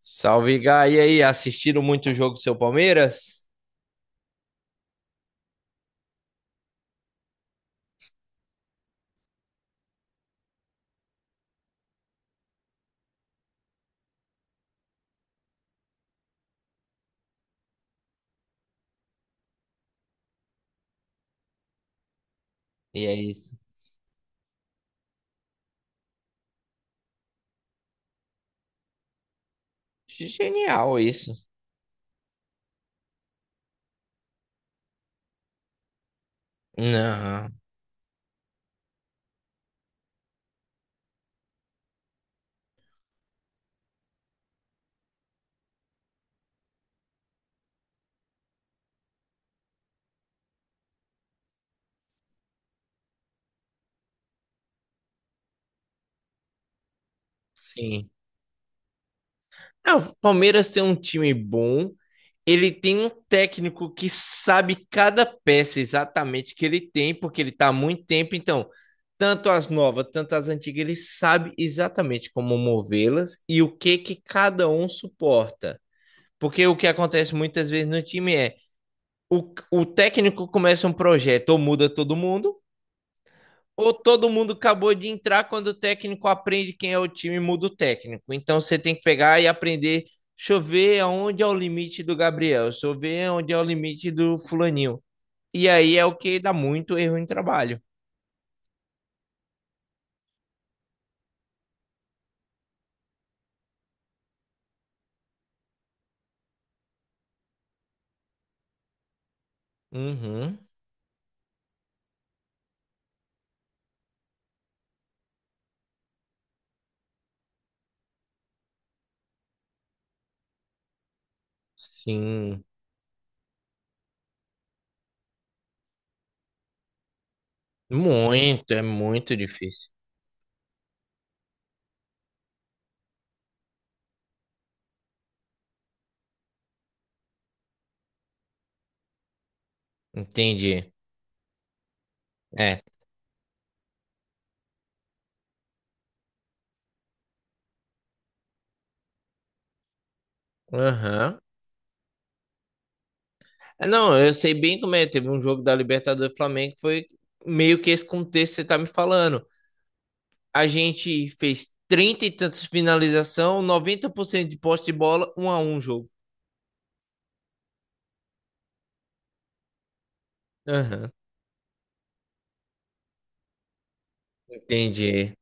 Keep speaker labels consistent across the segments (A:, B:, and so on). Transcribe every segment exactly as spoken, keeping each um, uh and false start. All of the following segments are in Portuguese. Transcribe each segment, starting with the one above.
A: Salve, Gá. E aí, assistiram muito o jogo do seu Palmeiras? E é isso. Genial isso. Não, sim. Ah, o Palmeiras tem um time bom. Ele tem um técnico que sabe cada peça exatamente que ele tem, porque ele tá há muito tempo. Então, tanto as novas, tanto as antigas, ele sabe exatamente como movê-las e o que que cada um suporta. Porque o que acontece muitas vezes no time é o, o técnico começa um projeto ou muda todo mundo, ou todo mundo acabou de entrar quando o técnico aprende quem é o time muda o técnico. Então você tem que pegar e aprender. Deixa eu ver aonde é o limite do Gabriel, deixa eu ver onde é o limite do fulaninho. E aí é o que dá muito erro em trabalho. Uhum. Sim. Muito, é muito difícil. Entendi. É. Aham. É. Não, eu sei bem como é. Teve um jogo da Libertadores do Flamengo que foi meio que esse contexto que você tá me falando. A gente fez trinta e tantas finalização, noventa por cento de posse de bola, um a um jogo. Aham, entendi.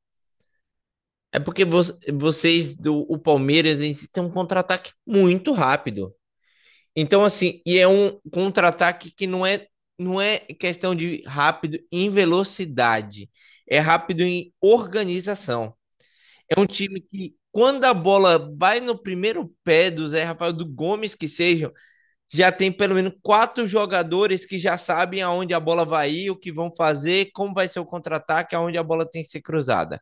A: É porque vo- vocês do o Palmeiras em si, tem um contra-ataque muito rápido. Então assim, e é um contra-ataque que não é não é questão de rápido em velocidade, é rápido em organização. É um time que quando a bola vai no primeiro pé do Zé Rafael, do Gomes que seja, já tem pelo menos quatro jogadores que já sabem aonde a bola vai ir, o que vão fazer, como vai ser o contra-ataque, aonde a bola tem que ser cruzada.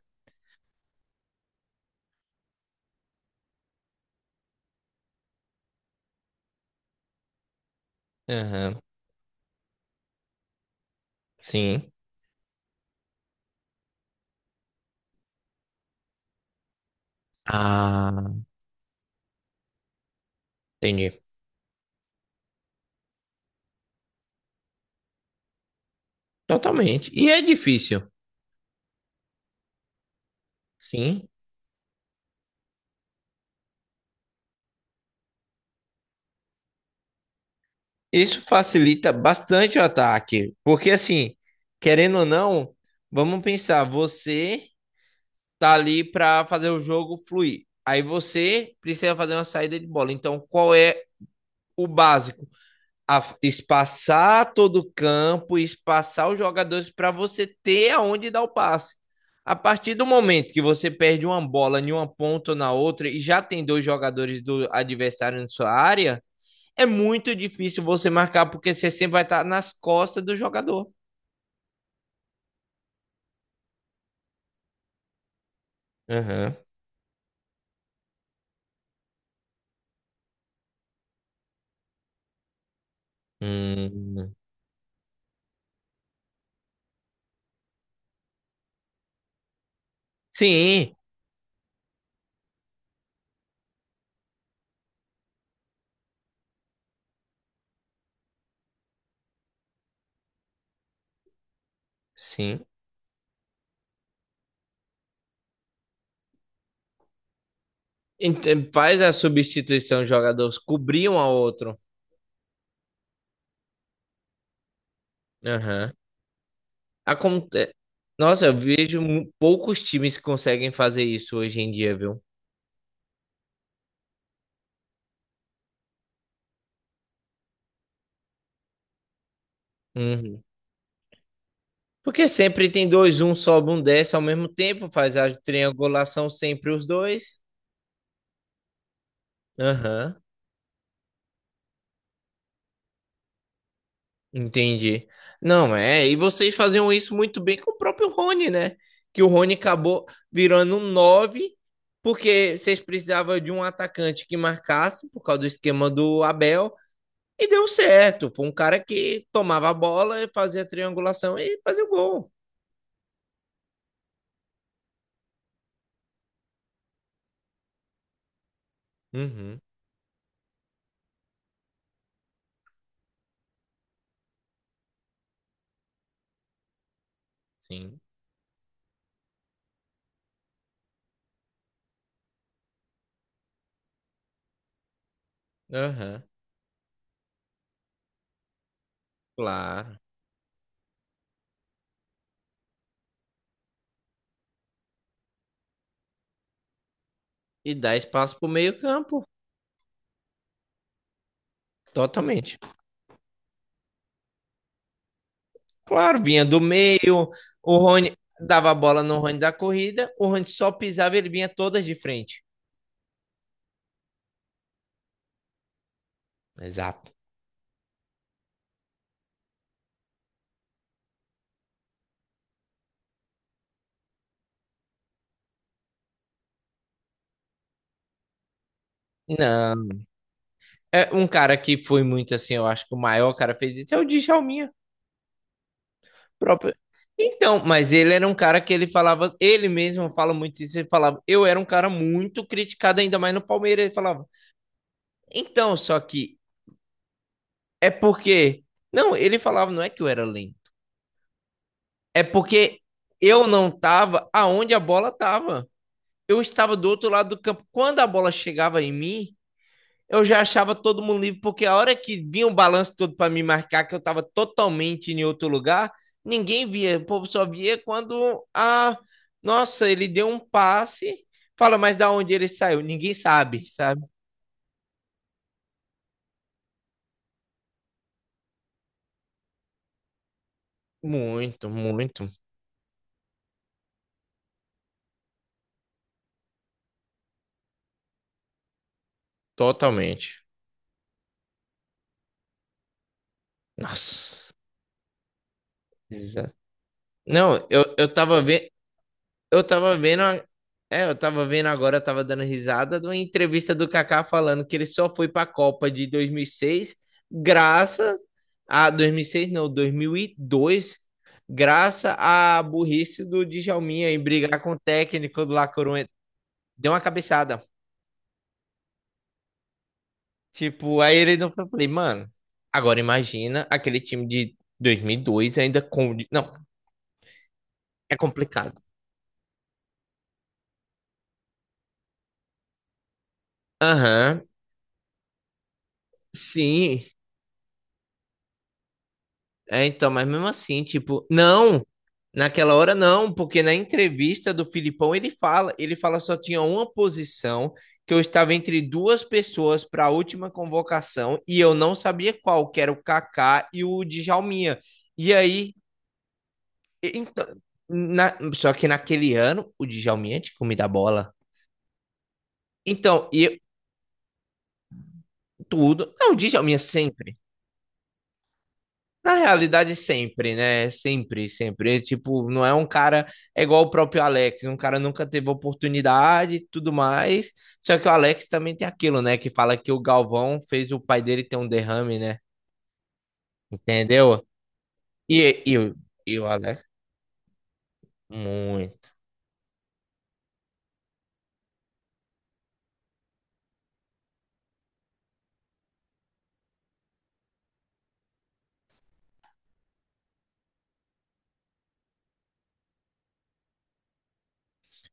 A: Aham, uhum, sim. Ah, entendi. Totalmente. E é difícil. Sim. Isso facilita bastante o ataque, porque assim, querendo ou não, vamos pensar, você tá ali para fazer o jogo fluir. Aí você precisa fazer uma saída de bola. Então, qual é o básico? A espaçar todo o campo, espaçar os jogadores para você ter aonde dar o passe. A partir do momento que você perde uma bola em uma ponta ou na outra e já tem dois jogadores do adversário na sua área, é muito difícil você marcar porque você sempre vai estar nas costas do jogador. Aham. Hum. Sim, sim. Ent- Faz a substituição, os jogadores cobrir um ao outro. Aham. Aconte... Nossa, eu vejo mu- poucos times que conseguem fazer isso hoje em dia, viu? Uhum. Porque sempre tem dois, um sobe, um desce ao mesmo tempo, faz a triangulação sempre os dois. Aham, entendi. Não, é, e vocês faziam isso muito bem com o próprio Rony, né? Que o Rony acabou virando um nove, porque vocês precisavam de um atacante que marcasse, por causa do esquema do Abel. E deu certo, pô, um cara que tomava a bola, fazia a triangulação e fazia o gol. Uhum, sim. Aham, claro. E dá espaço pro meio-campo, totalmente. Claro, vinha do meio, o Rony dava a bola no Rony da corrida, o Rony só pisava e ele vinha todas de frente. Exato. Não, é um cara que foi muito assim, eu acho que o maior cara fez isso é o Djalminha. Próprio. Então, mas ele era um cara que ele falava, ele mesmo fala muito isso, ele falava, eu era um cara muito criticado, ainda mais no Palmeiras, ele falava. Então, só que é porque. Não, ele falava, não é que eu era lento. É porque eu não tava aonde a bola tava. Eu estava do outro lado do campo. Quando a bola chegava em mim, eu já achava todo mundo livre, porque a hora que vinha o balanço todo para me marcar, que eu estava totalmente em outro lugar, ninguém via. O povo só via quando a. Nossa, ele deu um passe. Fala, mas da onde ele saiu? Ninguém sabe, sabe? Muito, muito. Totalmente. Nossa. Exa- Não, eu, eu tava vendo. Eu tava vendo, a- é, eu tava vendo agora, eu tava dando risada de uma entrevista do Kaká falando que ele só foi pra Copa de dois mil e seis graças a dois mil e seis não, dois mil e dois graças à burrice do Djalminha em brigar com o técnico do La Coruña. Deu uma cabeçada. Tipo, aí ele não foi, eu falei, mano, agora imagina aquele time de dois mil e dois ainda com, não, é complicado. Aham, sim. É, então, mas mesmo assim, tipo, não, naquela hora não, porque na entrevista do Filipão ele fala, ele fala só tinha uma posição que eu estava entre duas pessoas para a última convocação e eu não sabia qual, que era o Kaká e o Djalminha. E aí, e- então, na- só que naquele ano o Djalminha tinha comido a bola. Então, e eu- tudo, não, o Djalminha sempre. Na realidade, sempre, né? Sempre, sempre. Ele, tipo, não é um cara. É igual o próprio Alex. Um cara nunca teve oportunidade e tudo mais. Só que o Alex também tem aquilo, né? Que fala que o Galvão fez o pai dele ter um derrame, né? Entendeu? E, e, o- e o Alex. Muito.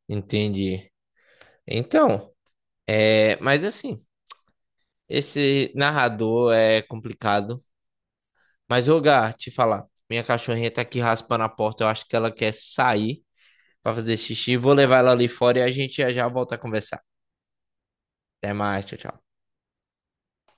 A: Entendi. Então, é. Mas assim, esse narrador é complicado. Mas, ô, Gá, te falar. Minha cachorrinha tá aqui raspando a porta. Eu acho que ela quer sair pra fazer xixi. Vou levar ela ali fora e a gente já já volta a conversar. Até mais, tchau, tchau.